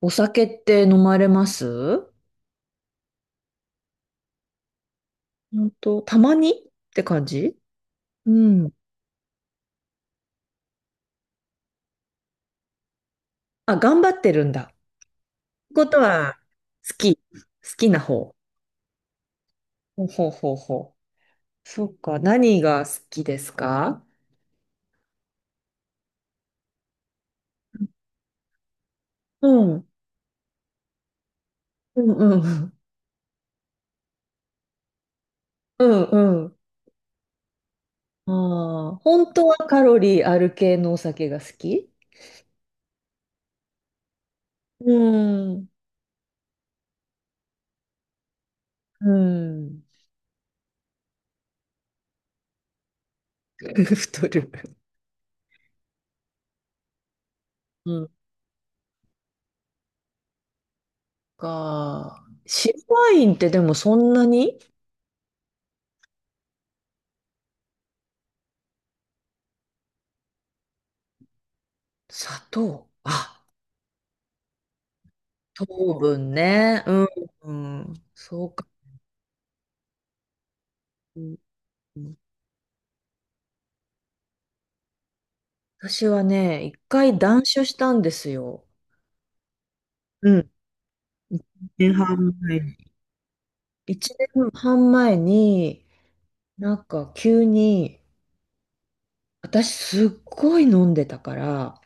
お酒って飲まれます？本当、たまにって感じ？うん。あ、頑張ってるんだ。ことは、好き。好きな方。ほうほうほうほう。そっか。何が好きですか？うん。うんうん。うんうん。ああ、本当はカロリーある系のお酒が好き？うん。うん。太る。うん。か。白ワインってでもそんなに？砂糖。あ、糖分ね。うん。うん、そうか。うんうん、私はね、一回断酒したんですよ。うん、一年半前に。一年半前に、なんか急に、私すっごい飲んでたから、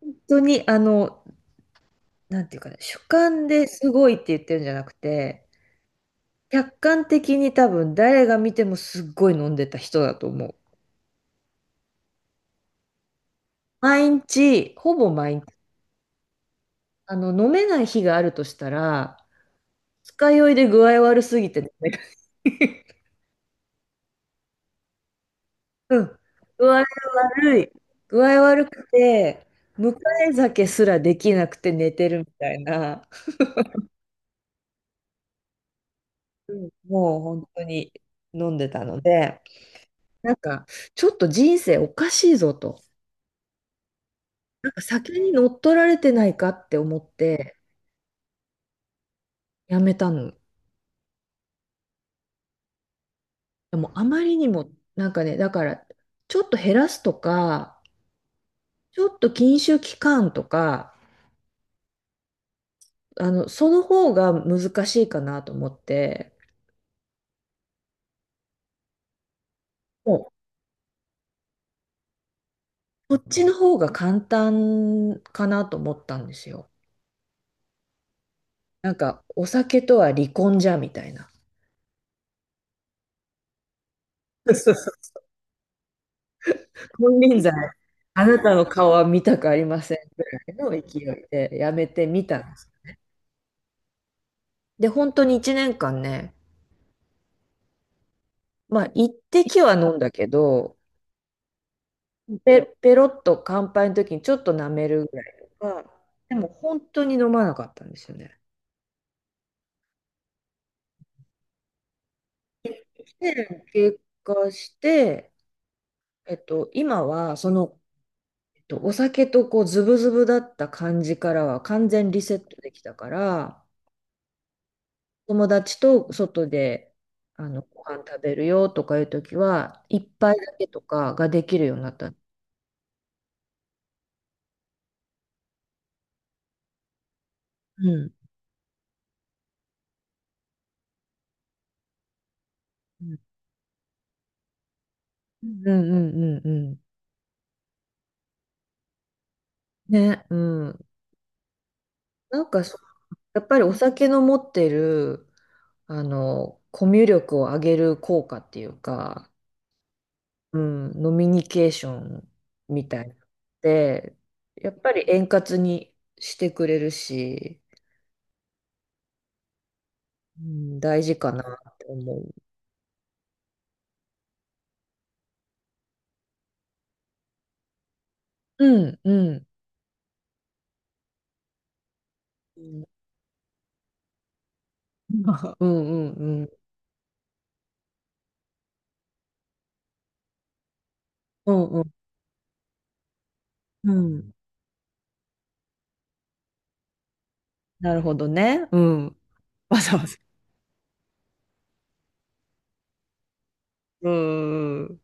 本当になんていうかね、主観ですごいって言ってるんじゃなくて、客観的に多分誰が見てもすっごい飲んでた人だと思う。毎日、ほぼ毎日、飲めない日があるとしたら、二日酔いで具合悪すぎてダ うん。具合悪い。具合悪くて、迎え酒すらできなくて寝てるみたいな、うん、もう本当に飲んでたので、なんか、ちょっと人生おかしいぞと。なんか酒に乗っ取られてないかって思ってやめたの。でもあまりにも、なんかね、だから、ちょっと減らすとか、ちょっと禁酒期間とか、その方が難しいかなと思って、もう、こっちの方が簡単かなと思ったんですよ。なんか、お酒とは離婚じゃ、みたいな。そうそう、金輪際、あなたの顔は見たくありませんぐらいの勢いでやめてみたんです。で、本当に1年間ね、まあ、一滴は飲んだけど、ペロッと乾杯の時にちょっと舐めるぐらいとか、でも本当に飲まなかったんですよね。で、経過して、今は、お酒とこう、ズブズブだった感じからは完全リセットできたから、友達と外で、ご飯食べるよとかいうときは、一杯だけとかができるようになった。うん。うんうんうんうんうん。ね、うん。なんかそ、やっぱりお酒の持ってる、コミュ力を上げる効果っていうか、うん、ノミニケーションみたいなので、やっぱり円滑にしてくれるし、うん、大事かなって思う。うん、うん。うん、うん、うん。うん、うん。うんうん、なるほどね。うん。わざわざ。うん、うん。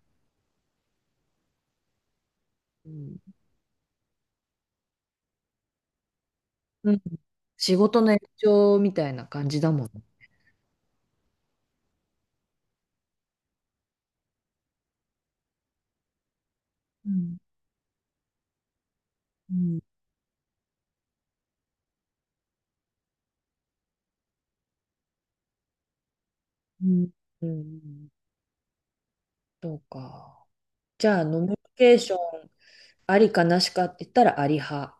うんうん、仕事の延長みたいな感じだもん。うん、うん、うん。うん、そうか。じゃあ、ノミニケーションありかなしかって言ったらあり派。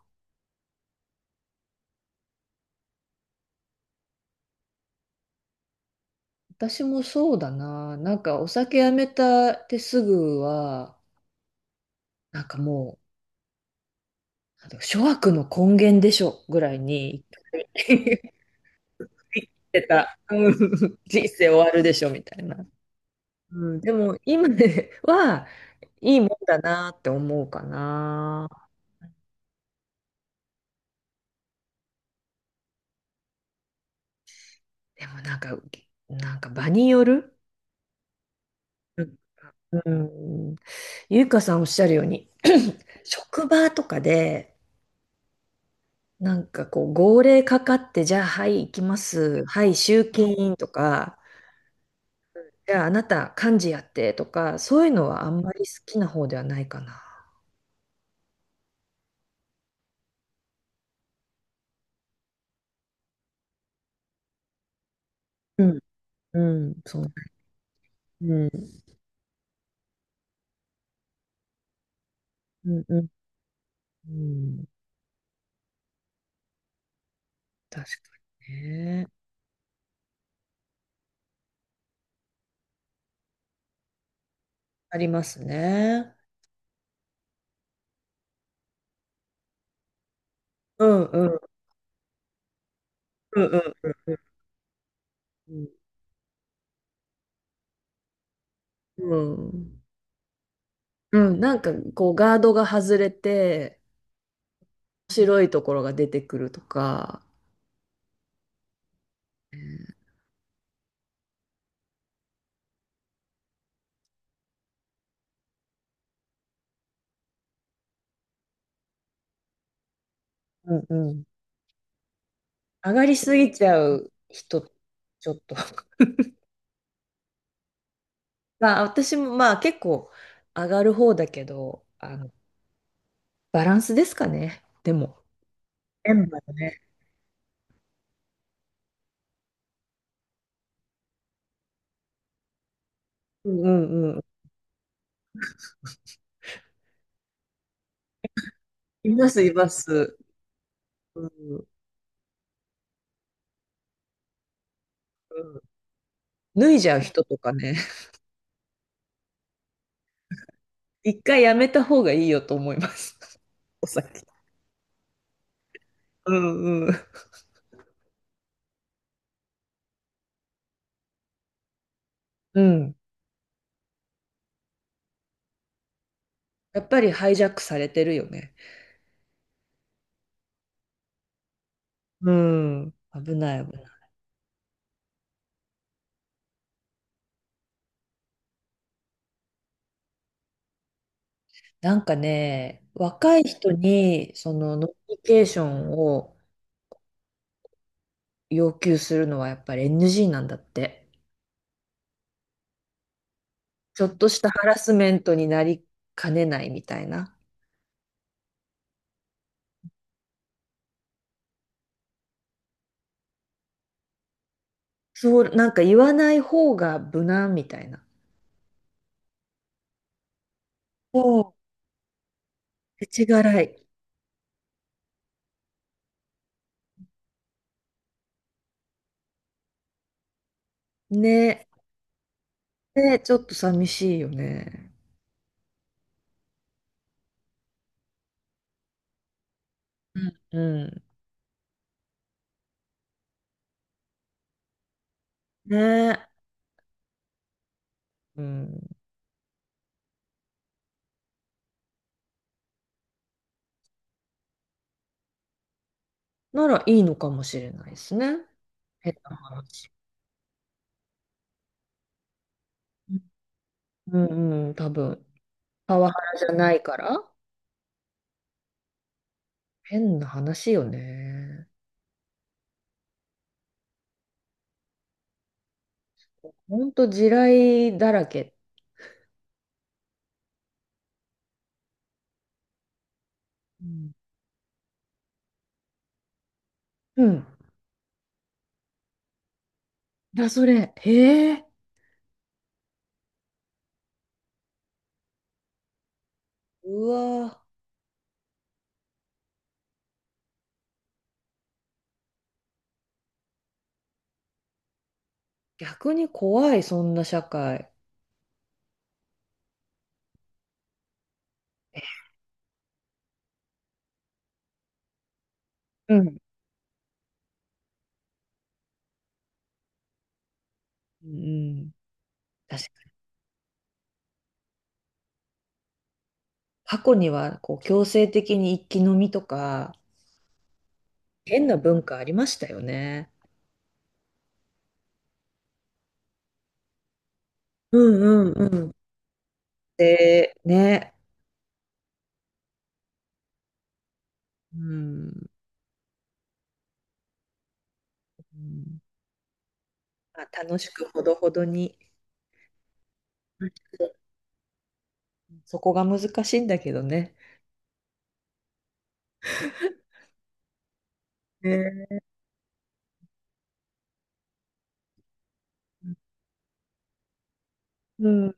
私もそうだな。なんかお酒やめたってすぐは、なんかもう、なんだろう、諸悪の根源でしょぐらいに、言ってた。うん、人生終わるでしょみたいな。うん、でも今では、いいもんだなって思うかな。でもなんか、なんか場による。うん、うん、ゆうかさんおっしゃるように、職場とかで、なんかこう、号令かかって、じゃあ、はい、行きます。はい、集金員とか、じゃあ、あなた、幹事やって、とか、そういうのはあんまり好きな方ではないかな。うん、うん、そう。うん、うん、うん。うん、確かにね。ありますね。うんうんうんうんうんうん。うん、うん、なんかこうガードが外れて白いところが出てくるとか、うんうん、上がりすぎちゃう人、ちょっと、まあ、私もまあ結構上がる方だけど、バランスですかね。でも。メンバーね。うんうんうん。います、います。うん、うん。脱いじゃう人とかね。一回やめた方がいいよと思います。お酒。うんうん。うん。やっぱりハイジャックされてるよね。うん。危ない危ない。なんかね、若い人にそのノミニケーションを要求するのはやっぱり NG なんだって。ちょっとしたハラスメントになりかねないみたいな。そう、なんか言わない方が無難みたいな。そう。世知辛い。ね。ね、ちょっと寂しいよね。うん。うん。ね。うん。ならいいのかもしれないですね。変な話。うんうん、多分。パワハラじゃないから。変な話よね。ほんと地雷だらけ。うんうん。だ、それ。へえ。うわー、逆に怖い、そんな社会。うん。うん、確かに。過去には、こう、強制的に一気飲みとか、変な文化ありましたよね。うんうんうん。で、ね。うん。うん、まあ、楽しくほどほどに。そこが難しいんだけどね。ね。うん。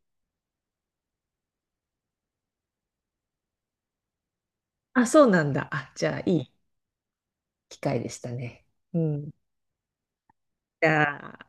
あ、そうなんだ。あ、じゃあ、いい機会でしたね。うん。じゃあ。